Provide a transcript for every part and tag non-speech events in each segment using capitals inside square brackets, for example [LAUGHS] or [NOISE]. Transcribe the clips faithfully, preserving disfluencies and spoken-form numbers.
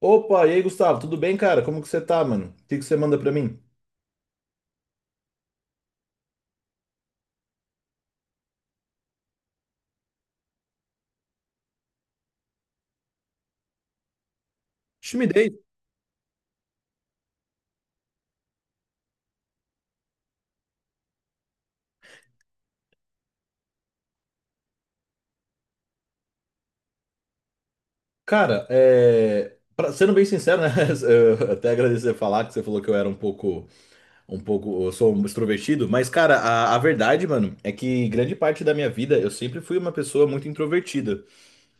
Opa, e aí, Gustavo, tudo bem, cara? Como que você tá, mano? O que que você manda pra mim? Timidez. Cara, é... pra- sendo bem sincero, né? [LAUGHS] Eu até agradecer falar que você falou que eu era um pouco, um pouco, eu sou um extrovertido, mas, cara, a, a verdade, mano, é que grande parte da minha vida eu sempre fui uma pessoa muito introvertida.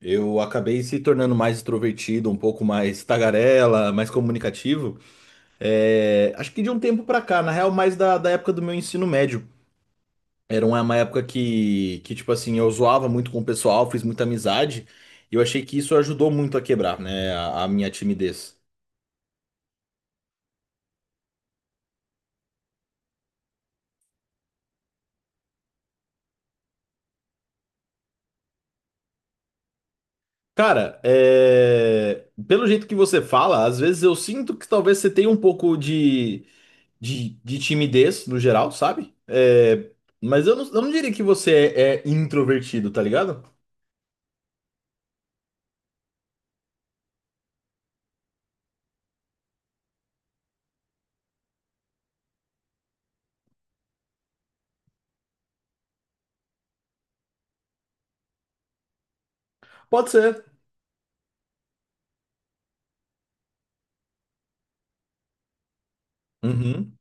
Eu acabei se tornando mais extrovertido, um pouco mais tagarela, mais comunicativo. é, Acho que de um tempo pra cá, na real, mais da, da época do meu ensino médio. Era uma uma época que, que, tipo assim, eu zoava muito com o pessoal, fiz muita amizade, e eu achei que isso ajudou muito a quebrar, né, a, a minha timidez. Cara, é, pelo jeito que você fala, às vezes eu sinto que talvez você tenha um pouco de, de, de timidez no geral, sabe? É, Mas eu não, eu não diria que você é, é introvertido, tá ligado? Pode ser. Uhum.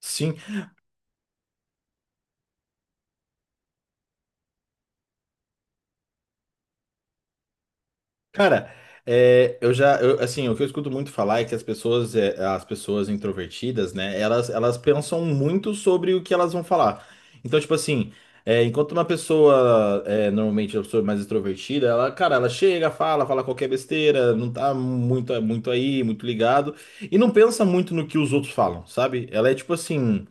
Sim, cara, é, eu já, eu, assim, o que eu escuto muito falar é que as pessoas, é, as pessoas introvertidas, né, elas, elas pensam muito sobre o que elas vão falar. Então, tipo assim, é, enquanto uma pessoa, é, normalmente, uma pessoa mais extrovertida, ela, cara, ela chega, fala, fala qualquer besteira, não tá muito, muito aí, muito ligado, e não pensa muito no que os outros falam, sabe? Ela é tipo assim,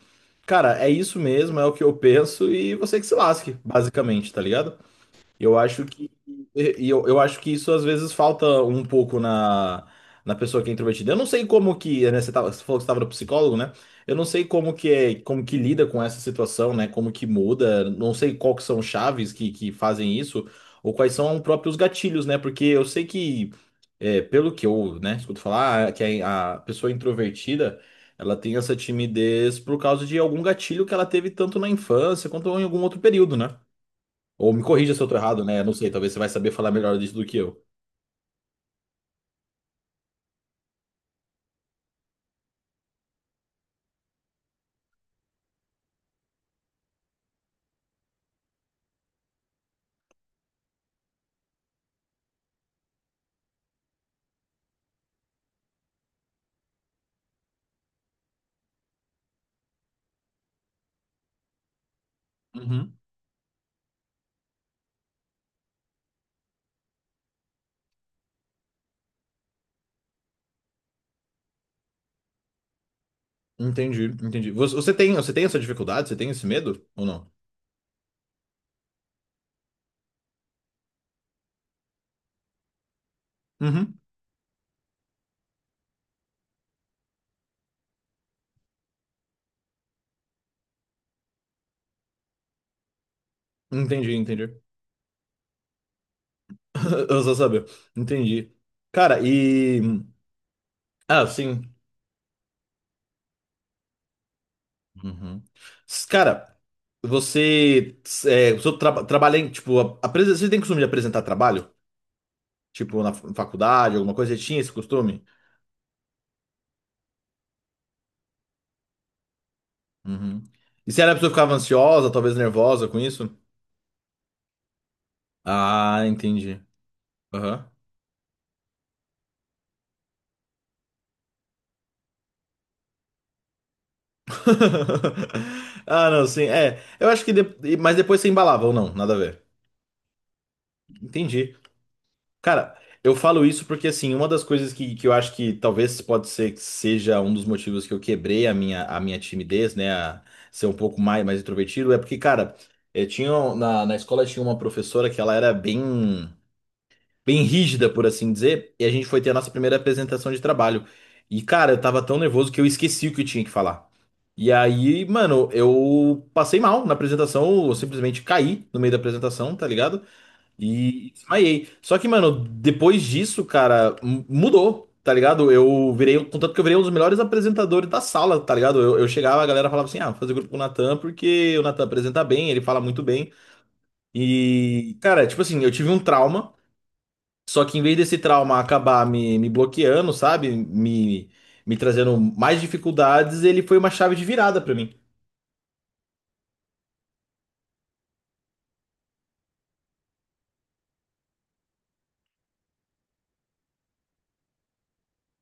cara, é isso mesmo, é o que eu penso e você que se lasque, basicamente, tá ligado? Eu acho que e eu, eu acho que isso às vezes falta um pouco na, na pessoa que é introvertida. Eu não sei como que, né, você tava, você falou que você estava no psicólogo, né? Eu não sei como que é, como que lida com essa situação, né? Como que muda, não sei qual que são chaves que, que fazem isso ou quais são os próprios gatilhos, né? Porque eu sei que, é, pelo que eu, né, escuto falar, ah, que a, a pessoa introvertida, ela tem essa timidez por causa de algum gatilho que ela teve tanto na infância quanto em algum outro período, né? Ou me corrija se eu tô errado, né? Não sei, talvez você vai saber falar melhor disso do que eu. Uhum. Entendi, entendi. Você você tem, você tem essa dificuldade? Você tem esse medo ou não? Uhum. Entendi, entendi. [LAUGHS] Eu só sabia. Entendi. Cara, e. Ah, sim. Uhum. S- Cara, você. É, você tra- trabalha em. Tipo, a- apres- você tem costume de apresentar trabalho? Tipo, na fa- faculdade, alguma coisa? Você tinha esse costume? Uhum. E se era a pessoa que ficava ansiosa, talvez nervosa com isso? Ah, entendi. Aham. [LAUGHS] Ah, não, sim. É, eu acho que. De- Mas depois você embalava ou não, nada a ver. Entendi. Cara, eu falo isso porque, assim, uma das coisas que, que eu acho que talvez pode ser que seja um dos motivos que eu quebrei a minha, a minha timidez, né? A ser um pouco mais, mais introvertido, é porque, cara, eu tinha, um- na, na escola tinha uma professora que ela era bem, bem rígida, por assim dizer, e a gente foi ter a nossa primeira apresentação de trabalho. E, cara, eu tava tão nervoso que eu esqueci o que eu tinha que falar. E aí, mano, eu passei mal na apresentação, eu simplesmente caí no meio da apresentação, tá ligado? E desmaiei. Só que, mano, depois disso, cara, m- mudou, tá ligado? Eu virei, contanto que eu virei um dos melhores apresentadores da sala, tá ligado? Eu, eu chegava, a galera falava assim: ah, vou fazer grupo com o Natan, porque o Natan apresenta bem, ele fala muito bem. E, cara, tipo assim, eu tive um trauma, só que em vez desse trauma acabar me, me bloqueando, sabe? Me, me trazendo mais dificuldades, ele foi uma chave de virada pra mim.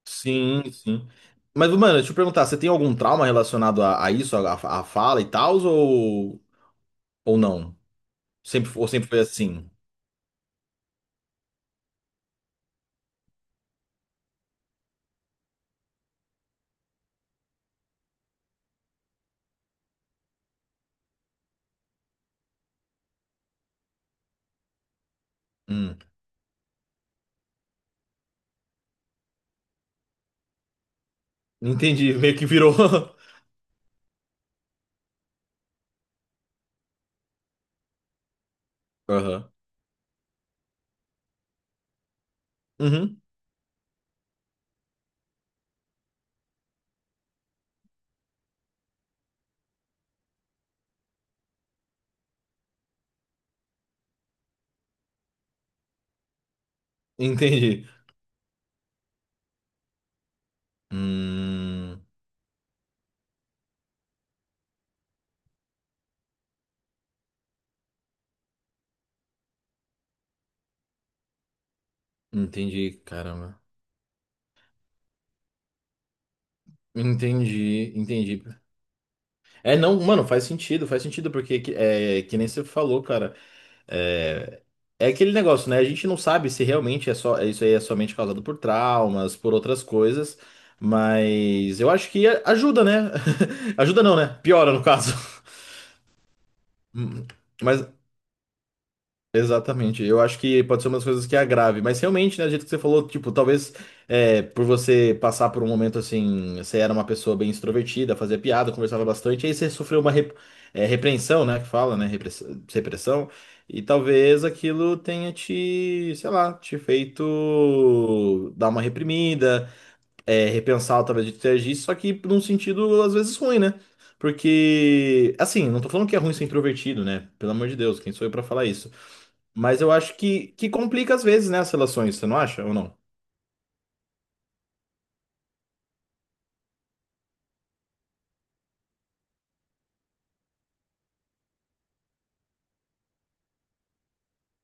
Sim, sim. Mas, mano, deixa eu perguntar, você tem algum trauma relacionado a, a isso, a, a fala e tal, ou, ou não? Sempre, ou sempre foi assim? Hum, entendi, [LAUGHS] meio que virou. [LAUGHS] Aham. Uhum, entendi. Hum, entendi, caramba. Entendi, entendi. É, não, mano, faz sentido, faz sentido, porque que- é, que nem você falou, cara. É, é aquele negócio, né? A gente não sabe se realmente é só, é, isso aí é somente causado por traumas, por outras coisas, mas eu acho que ajuda, né? [LAUGHS] Ajuda não, né? Piora, no caso. [LAUGHS] Mas exatamente, eu acho que pode ser uma das coisas que agrave, mas realmente, né, do jeito que você falou, tipo, talvez é, por você passar por um momento assim, você era uma pessoa bem extrovertida, fazia piada, conversava bastante, aí você sofreu uma rep- é, repreensão, né, que fala, né, repress- repressão, e talvez aquilo tenha te, sei lá, te feito dar uma reprimida, é, repensar a tabela de interagir, só que num sentido às vezes ruim, né? Porque, assim, não tô falando que é ruim ser introvertido, né? Pelo amor de Deus, quem sou eu pra falar isso? Mas eu acho que, que complica às vezes, né, as relações, você não acha ou não?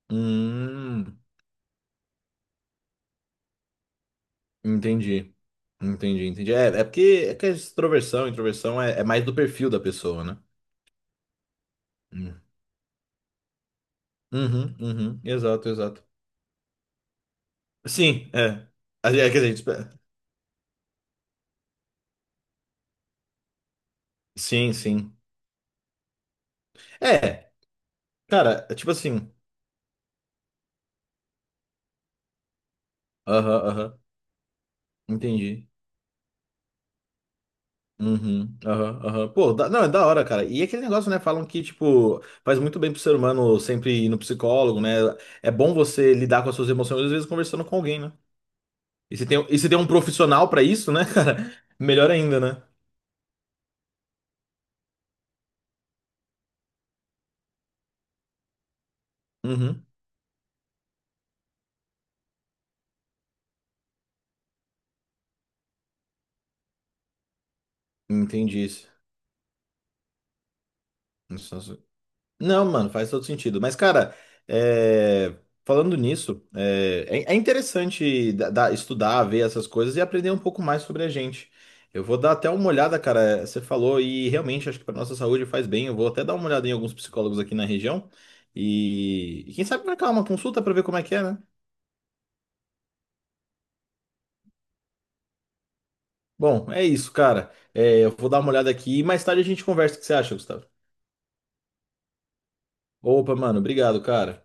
Hum, entendi. Entendi, entendi. É, é porque é que a extroversão, introversão é, é mais do perfil da pessoa, né? Hum. Uhum, uhum, exato, exato. Sim, é. A gente- é que a gente espera. Sim, sim. É, cara, é tipo assim. Aham, aham. Entendi. Uhum, aham, aham. Pô, da- não, é da hora, cara. E aquele negócio, né? Falam que, tipo, faz muito bem pro ser humano sempre ir no psicólogo, né? É bom você lidar com as suas emoções, às vezes conversando com alguém, né? E se tem, e se tem um profissional pra isso, né, cara? [LAUGHS] Melhor ainda, né? Uhum, entendi isso. Não, mano, faz todo sentido. Mas, cara, é, falando nisso, é, é- é interessante da- da- estudar, ver essas coisas e aprender um pouco mais sobre a gente. Eu vou dar até uma olhada, cara. Você falou e realmente acho que para nossa saúde faz bem. Eu vou até dar uma olhada em alguns psicólogos aqui na região e, e quem sabe marcar uma consulta para ver como é que é, né? Bom, é isso, cara. É, eu vou dar uma olhada aqui e mais tarde a gente conversa. O que você acha, Gustavo? Opa, mano, obrigado, cara.